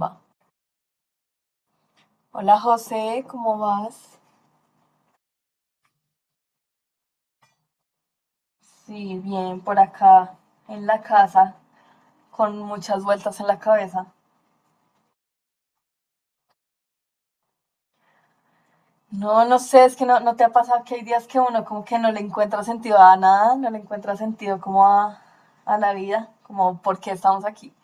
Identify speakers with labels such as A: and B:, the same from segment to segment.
A: Va. Hola José, ¿cómo vas? Sí, bien, por acá en la casa, con muchas vueltas en la cabeza. No, no sé, es que no te ha pasado que hay días que uno como que no le encuentra sentido a nada, no le encuentra sentido como a la vida, como por qué estamos aquí.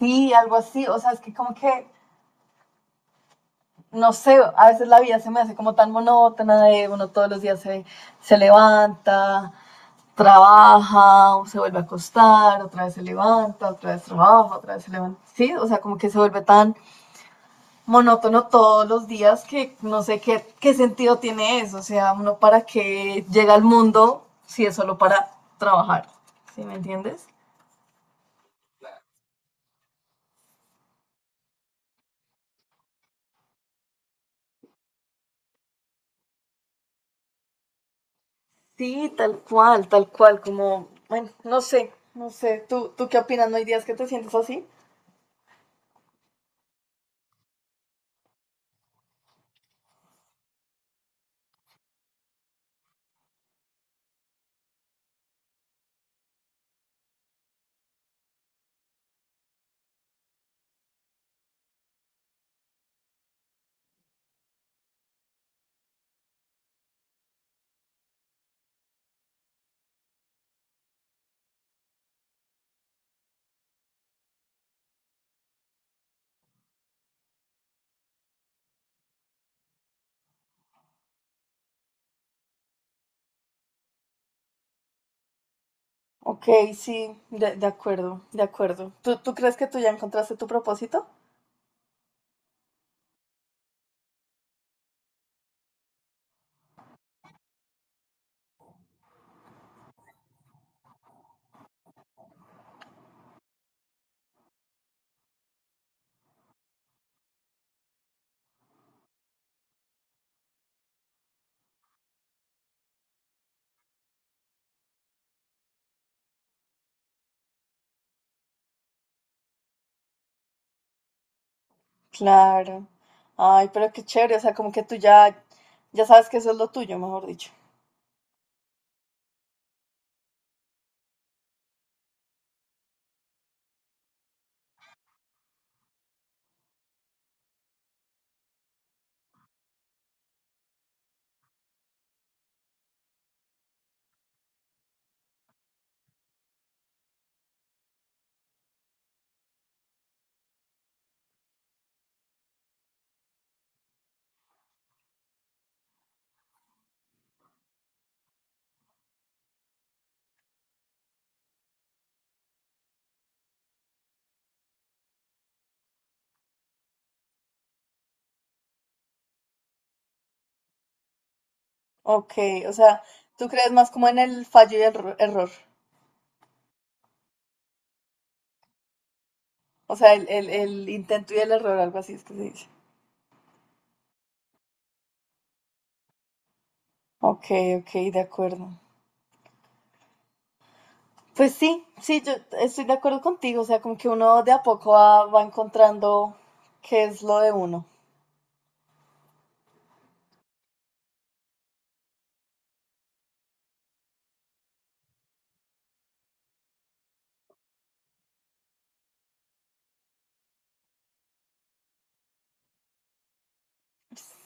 A: Sí, algo así, o sea, es que como que, no sé, a veces la vida se me hace como tan monótona de uno todos los días se, se levanta, trabaja, se vuelve a acostar, otra vez se levanta, otra vez trabaja, otra vez se levanta. Sí, o sea, como que se vuelve tan monótono todos los días que no sé qué sentido tiene eso. O sea, uno para qué llega al mundo si es solo para trabajar. ¿Sí me entiendes? Sí, tal cual, como, bueno, no sé. ¿Tú qué opinas? ¿No hay días que te sientes así? Ok, sí, de acuerdo, de acuerdo. ¿Tú, ¿tú crees que tú ya encontraste tu propósito? Claro. Ay, pero qué chévere, o sea, como que tú ya, ya sabes que eso es lo tuyo, mejor dicho. Ok, o sea, tú crees más como en el fallo y el erro- error. O sea, el intento y el error, algo así es que se dice. Ok, ok, de acuerdo. Pues sí, sí, yo estoy de acuerdo contigo, o sea, como que uno de a poco va encontrando qué es lo de uno.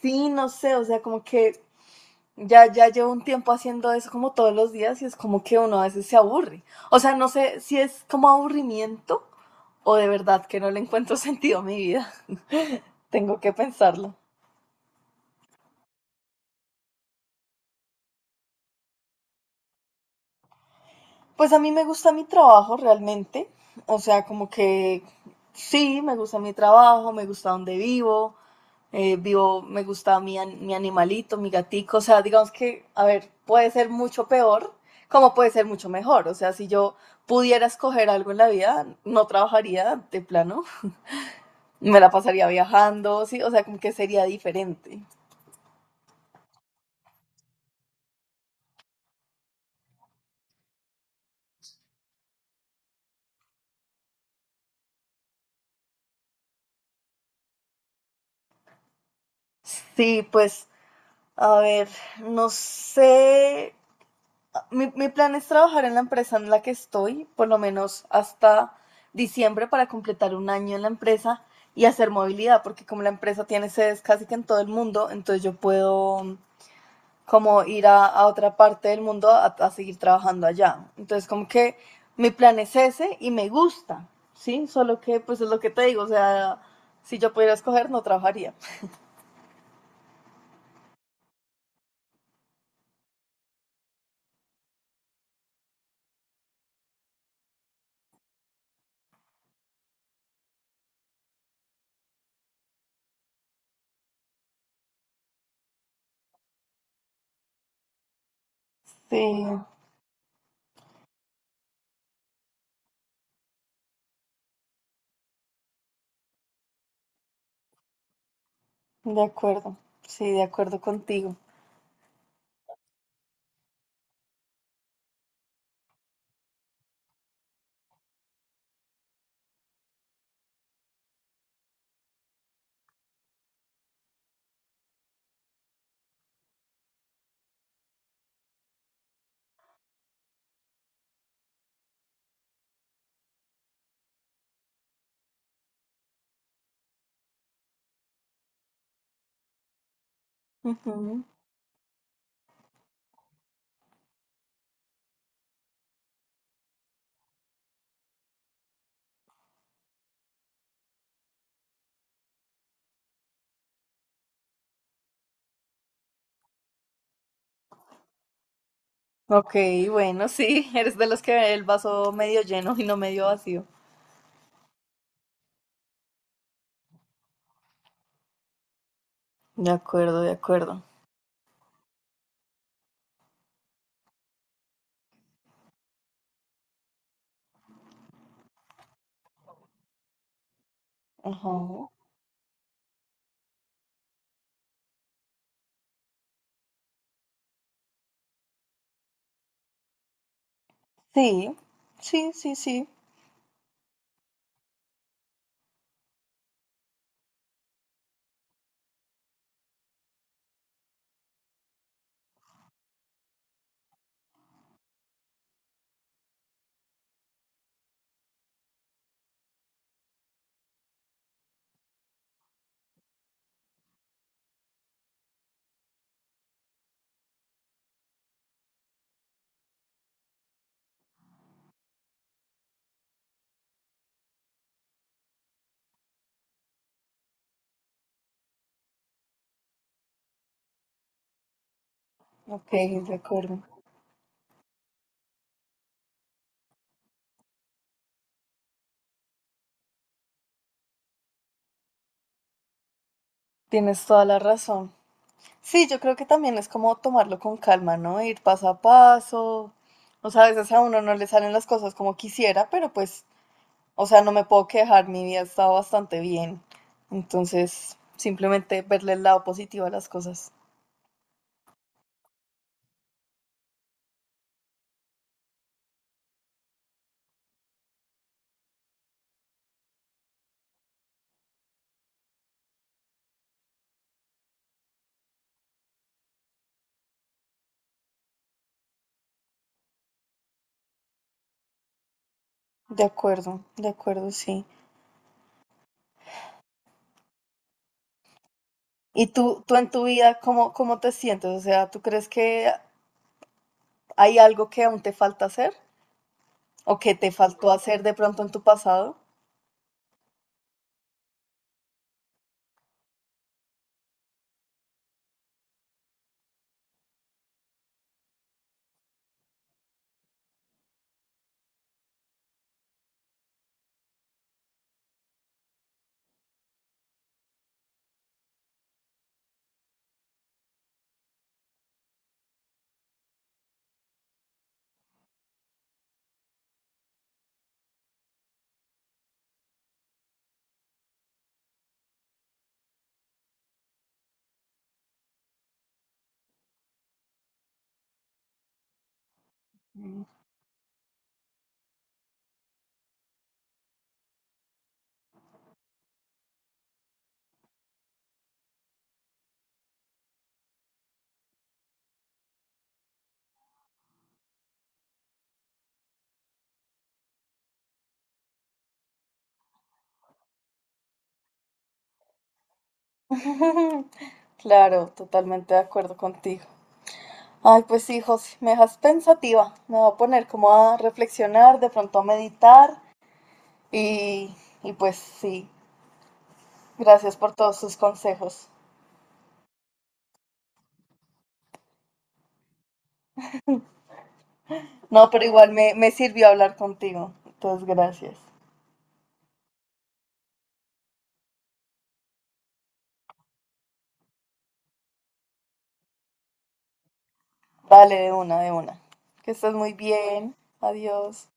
A: Sí, no sé, o sea, como que ya llevo un tiempo haciendo eso como todos los días y es como que uno a veces se aburre. O sea, no sé si es como aburrimiento o de verdad que no le encuentro sentido a mi vida. Tengo que pensarlo. Pues a mí me gusta mi trabajo realmente. O sea, como que sí, me gusta mi trabajo, me gusta donde vivo, vivo, me gusta mi animalito, mi gatico, o sea, digamos que, a ver, puede ser mucho peor, como puede ser mucho mejor, o sea, si yo pudiera escoger algo en la vida, no trabajaría de plano, me la pasaría viajando, sí, o sea, como que sería diferente. Sí, pues, a ver, no sé, mi plan es trabajar en la empresa en la que estoy, por lo menos hasta diciembre, para completar un año en la empresa y hacer movilidad, porque como la empresa tiene sedes casi que en todo el mundo, entonces yo puedo como ir a otra parte del mundo a seguir trabajando allá. Entonces como que mi plan es ese y me gusta, ¿sí? Solo que pues es lo que te digo, o sea, si yo pudiera escoger no trabajaría. Sí, de acuerdo, sí, de acuerdo contigo. Ujú. Ok, bueno, sí, eres de los que ve el vaso medio lleno y no medio vacío. De acuerdo, de acuerdo. Ajá. Sí, sí, sí, sí. Ok, de acuerdo. Tienes toda la razón. Sí, yo creo que también es como tomarlo con calma, ¿no? Ir paso a paso. O sea, a veces a uno no le salen las cosas como quisiera, pero pues, o sea, no me puedo quejar, mi vida está bastante bien. Entonces, simplemente verle el lado positivo a las cosas. De acuerdo, sí. ¿Y tú en tu vida cómo te sientes? O sea, ¿tú crees que hay algo que aún te falta hacer o que te faltó hacer de pronto en tu pasado? Claro, totalmente de acuerdo contigo. Ay, pues sí, José, me dejas pensativa. Me voy a poner como a reflexionar, de pronto a meditar y, y pues sí, gracias por todos tus consejos. No, pero igual me sirvió hablar contigo. Entonces, gracias. Vale, de una, de una. Que estés muy bien. Adiós.